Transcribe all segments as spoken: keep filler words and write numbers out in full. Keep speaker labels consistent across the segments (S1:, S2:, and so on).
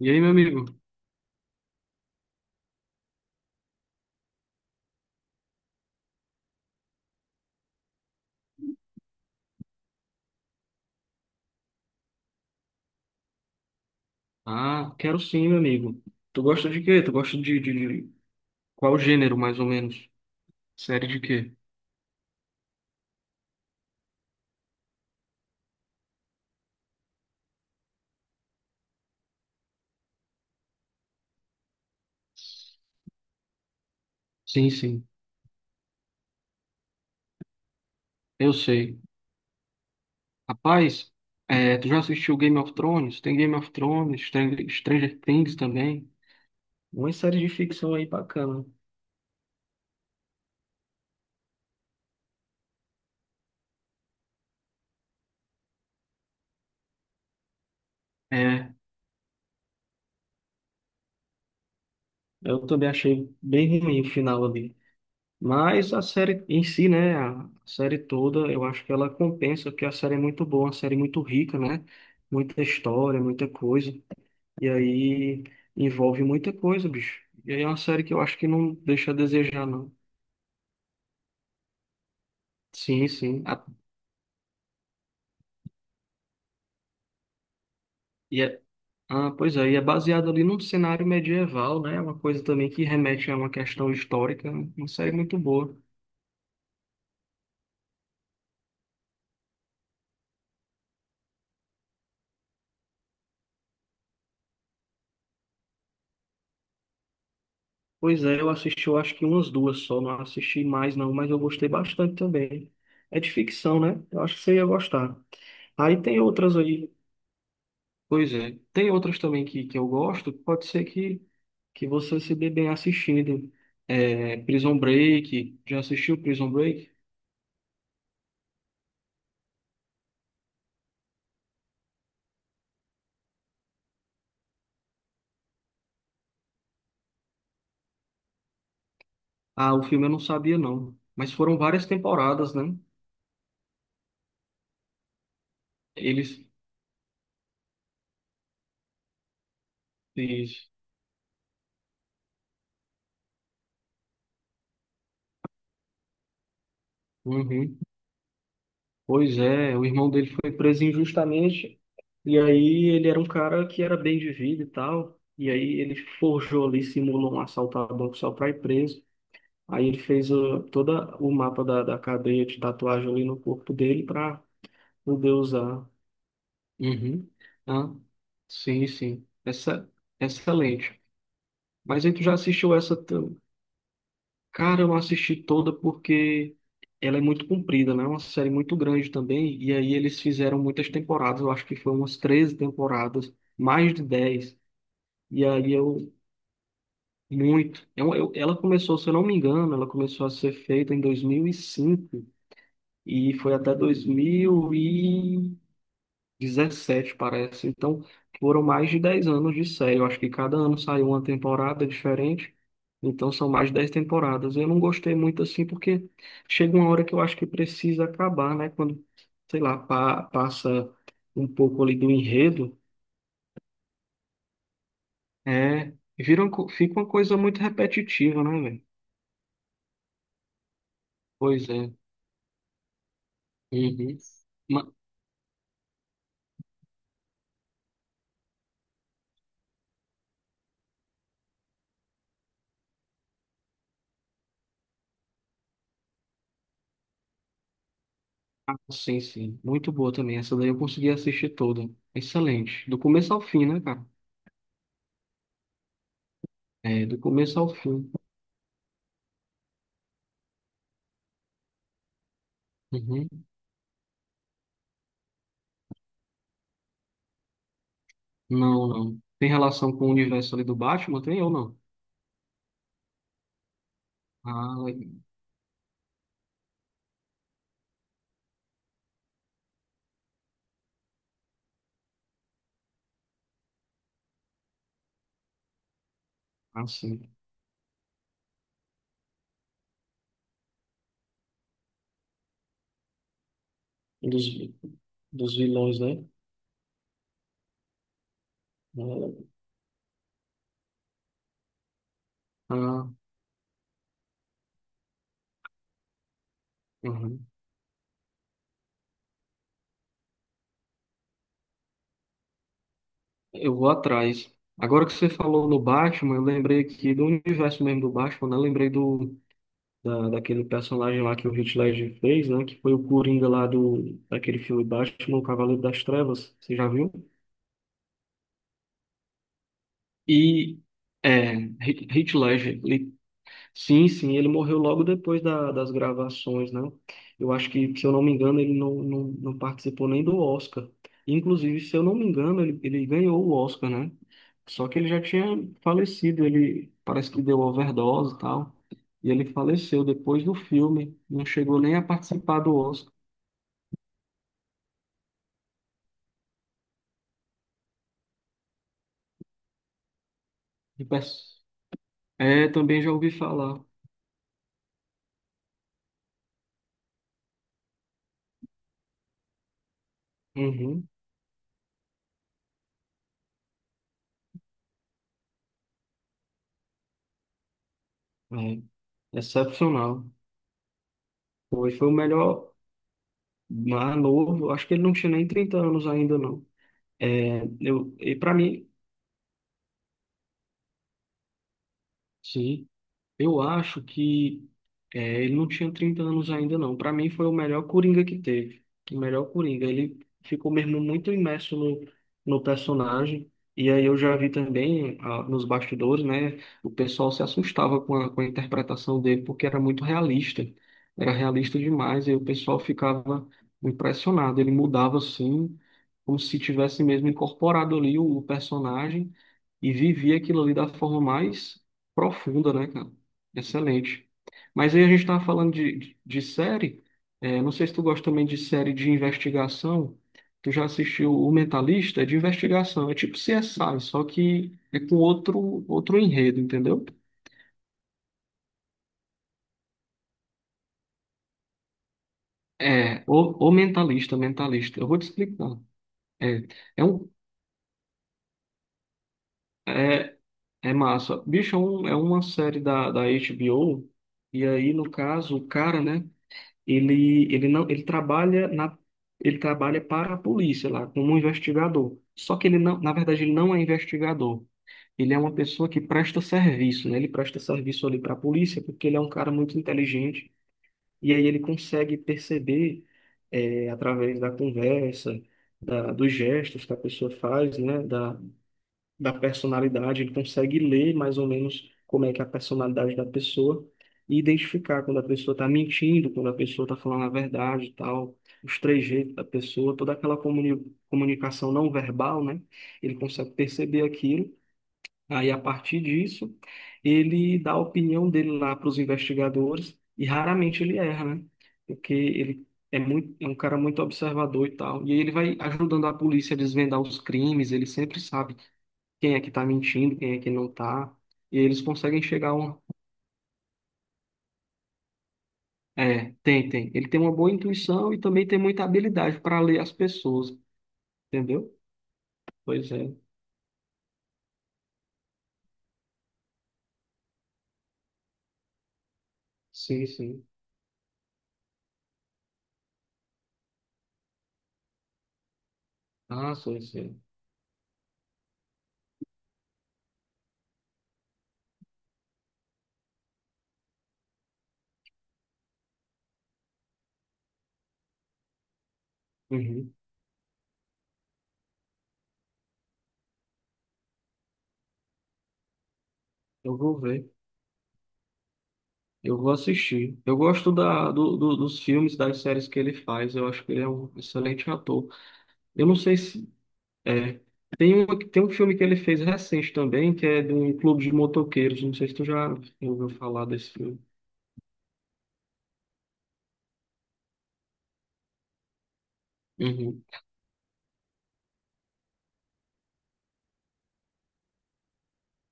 S1: E aí, meu amigo? Ah, quero sim, meu amigo. Tu gosta de quê? Tu gosta de, de, de qual gênero, mais ou menos? Série de quê? Sim, sim, eu sei. Rapaz, é, tu já assistiu Game of Thrones? Tem Game of Thrones, Stranger, Stranger Things também. Uma série de ficção aí bacana. É, eu também achei bem ruim o final ali. Mas a série em si, né? A série toda, eu acho que ela compensa, porque a série é muito boa, uma série muito rica, né? Muita história, muita coisa. E aí envolve muita coisa, bicho. E aí é uma série que eu acho que não deixa a desejar, não. Sim, sim. A- e é- ah, pois é, e é baseado ali num cenário medieval, né? Uma coisa também que remete a uma questão histórica, né? Uma série muito boa. Pois é, eu assisti, eu acho que umas duas só, não assisti mais não, mas eu gostei bastante também. É de ficção, né? Eu acho que você ia gostar. Aí tem outras aí. Pois é. Tem outras também que, que eu gosto, pode ser que, que você se dê bem assistindo. É, Prison Break, já assistiu Prison Break? Ah, o filme eu não sabia não, mas foram várias temporadas, né? Eles... eles- Uhum. Pois é, o irmão dele foi preso injustamente, e aí ele era um cara que era bem de vida e tal, e aí ele forjou ali, simulou um assalto a banco só para ir preso. Aí ele fez o, todo o mapa da, da cadeia de tatuagem ali no corpo dele para poder usar. Uhum. Ah, sim, sim. Essa, excelente. Mas aí tu já assistiu essa? tam- Cara, eu não assisti toda porque ela é muito comprida, né? É uma série muito grande também. E aí eles fizeram muitas temporadas. Eu acho que foram umas treze temporadas, mais de dez. E aí eu, Muito. Eu, eu- ela começou, se eu não me engano, ela começou a ser feita em dois mil e cinco e foi até dois mil dezessete parece. Então, foram mais de dez anos de série. Eu acho que cada ano saiu uma temporada diferente. Então, são mais de dez temporadas. Eu não gostei muito assim, porque chega uma hora que eu acho que precisa acabar, né? Quando, sei lá, pa- passa um pouco ali do enredo, é, vira uma co- fica uma coisa muito repetitiva, né, velho? Pois é. Uhum. Ma- ah, sim, sim. Muito boa também. Essa daí eu consegui assistir toda. Excelente. Do começo ao fim, né, cara? É, do começo ao fim. Uhum. Não, não. Tem relação com o universo ali do Batman, tem ou não? Ah, legal. Ah, sim. Dos, dos vilões, né? Ah, legal. Ah, uhum. Eu vou atrás. Agora que você falou no Batman, eu lembrei aqui do universo mesmo do Batman, né? Eu lembrei do, da, daquele personagem lá que o Heath Ledger fez, né? Que foi o Coringa lá do, daquele filme Batman, o Cavaleiro das Trevas. Você já viu? E é, Heath Heath Ledger. Sim, sim, ele morreu logo depois da- das gravações, né? Eu acho que, se eu não me engano, ele não, não, não participou nem do Oscar. Inclusive, se eu não me engano, ele, ele ganhou o Oscar, né? Só que ele já tinha falecido, ele parece que deu overdose e tal. E ele faleceu depois do filme, não chegou nem a participar do Oscar. E pers- É, também já ouvi falar. Uhum, é. Excepcional. Foi, foi o melhor, mais novo, acho que ele não tinha nem trinta anos ainda, não. É, eu, e para mim, sim. Eu acho que é, ele não tinha trinta anos ainda, não. Para mim, foi o melhor Coringa que teve. O melhor Coringa. Ele ficou mesmo muito imerso no, no personagem. E aí eu já vi também ah, nos bastidores, né? O pessoal se assustava com a, com a interpretação dele, porque era muito realista. Era realista demais. E o pessoal ficava impressionado. Ele mudava assim, como se tivesse mesmo incorporado ali o, o personagem e vivia aquilo ali da forma mais profunda, né, cara? Excelente. Mas aí a gente estava falando de, de, de série. É, não sei se tu gosta também de série de investigação. Tu já assistiu O Mentalista? É de investigação. É tipo C S I, só que é com outro, outro enredo, entendeu? É, o, o Mentalista, Mentalista. Eu vou te explicar. É, é, um, é, é massa. Bicho, é, um, é uma série da, da H B O. E aí, no caso, o cara, né? ele, ele não, ele trabalha na, ele trabalha para a polícia lá, como um investigador. Só que ele não, na verdade, ele não é investigador. Ele é uma pessoa que presta serviço, né? Ele presta serviço ali para a polícia porque ele é um cara muito inteligente e aí ele consegue perceber eh, através da conversa, da, dos gestos que a pessoa faz, né? Da, da personalidade, ele consegue ler mais ou menos como é que é a personalidade da pessoa e identificar quando a pessoa está mentindo, quando a pessoa está falando a verdade e tal, os trejeitos da pessoa, toda aquela comuni comunicação não verbal, né? Ele consegue perceber aquilo. Aí, a partir disso, ele dá a opinião dele lá para os investigadores e raramente ele erra, né? Porque ele é muito, é um cara muito observador e tal. E aí ele vai ajudando a polícia a desvendar os crimes, ele sempre sabe quem é que tá mentindo, quem é que não tá. E eles conseguem chegar a um. É, tem, tem. Ele tem uma boa intuição e também tem muita habilidade para ler as pessoas, entendeu? Pois é. Sim, sim. Ah, sim, sim. Uhum. Eu vou ver. Eu vou assistir. Eu gosto da, do, do- dos filmes, das séries que ele faz. Eu acho que ele é um excelente ator. Eu não sei se. É. Tem um, tem um filme que ele fez recente também, que é de um clube de motoqueiros. Não sei se tu já ouviu falar desse filme. Uhum.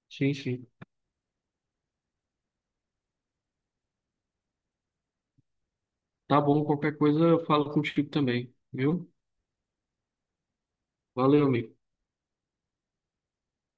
S1: Sim, sim. Tá bom, qualquer coisa eu falo contigo também, viu? Valeu, amigo.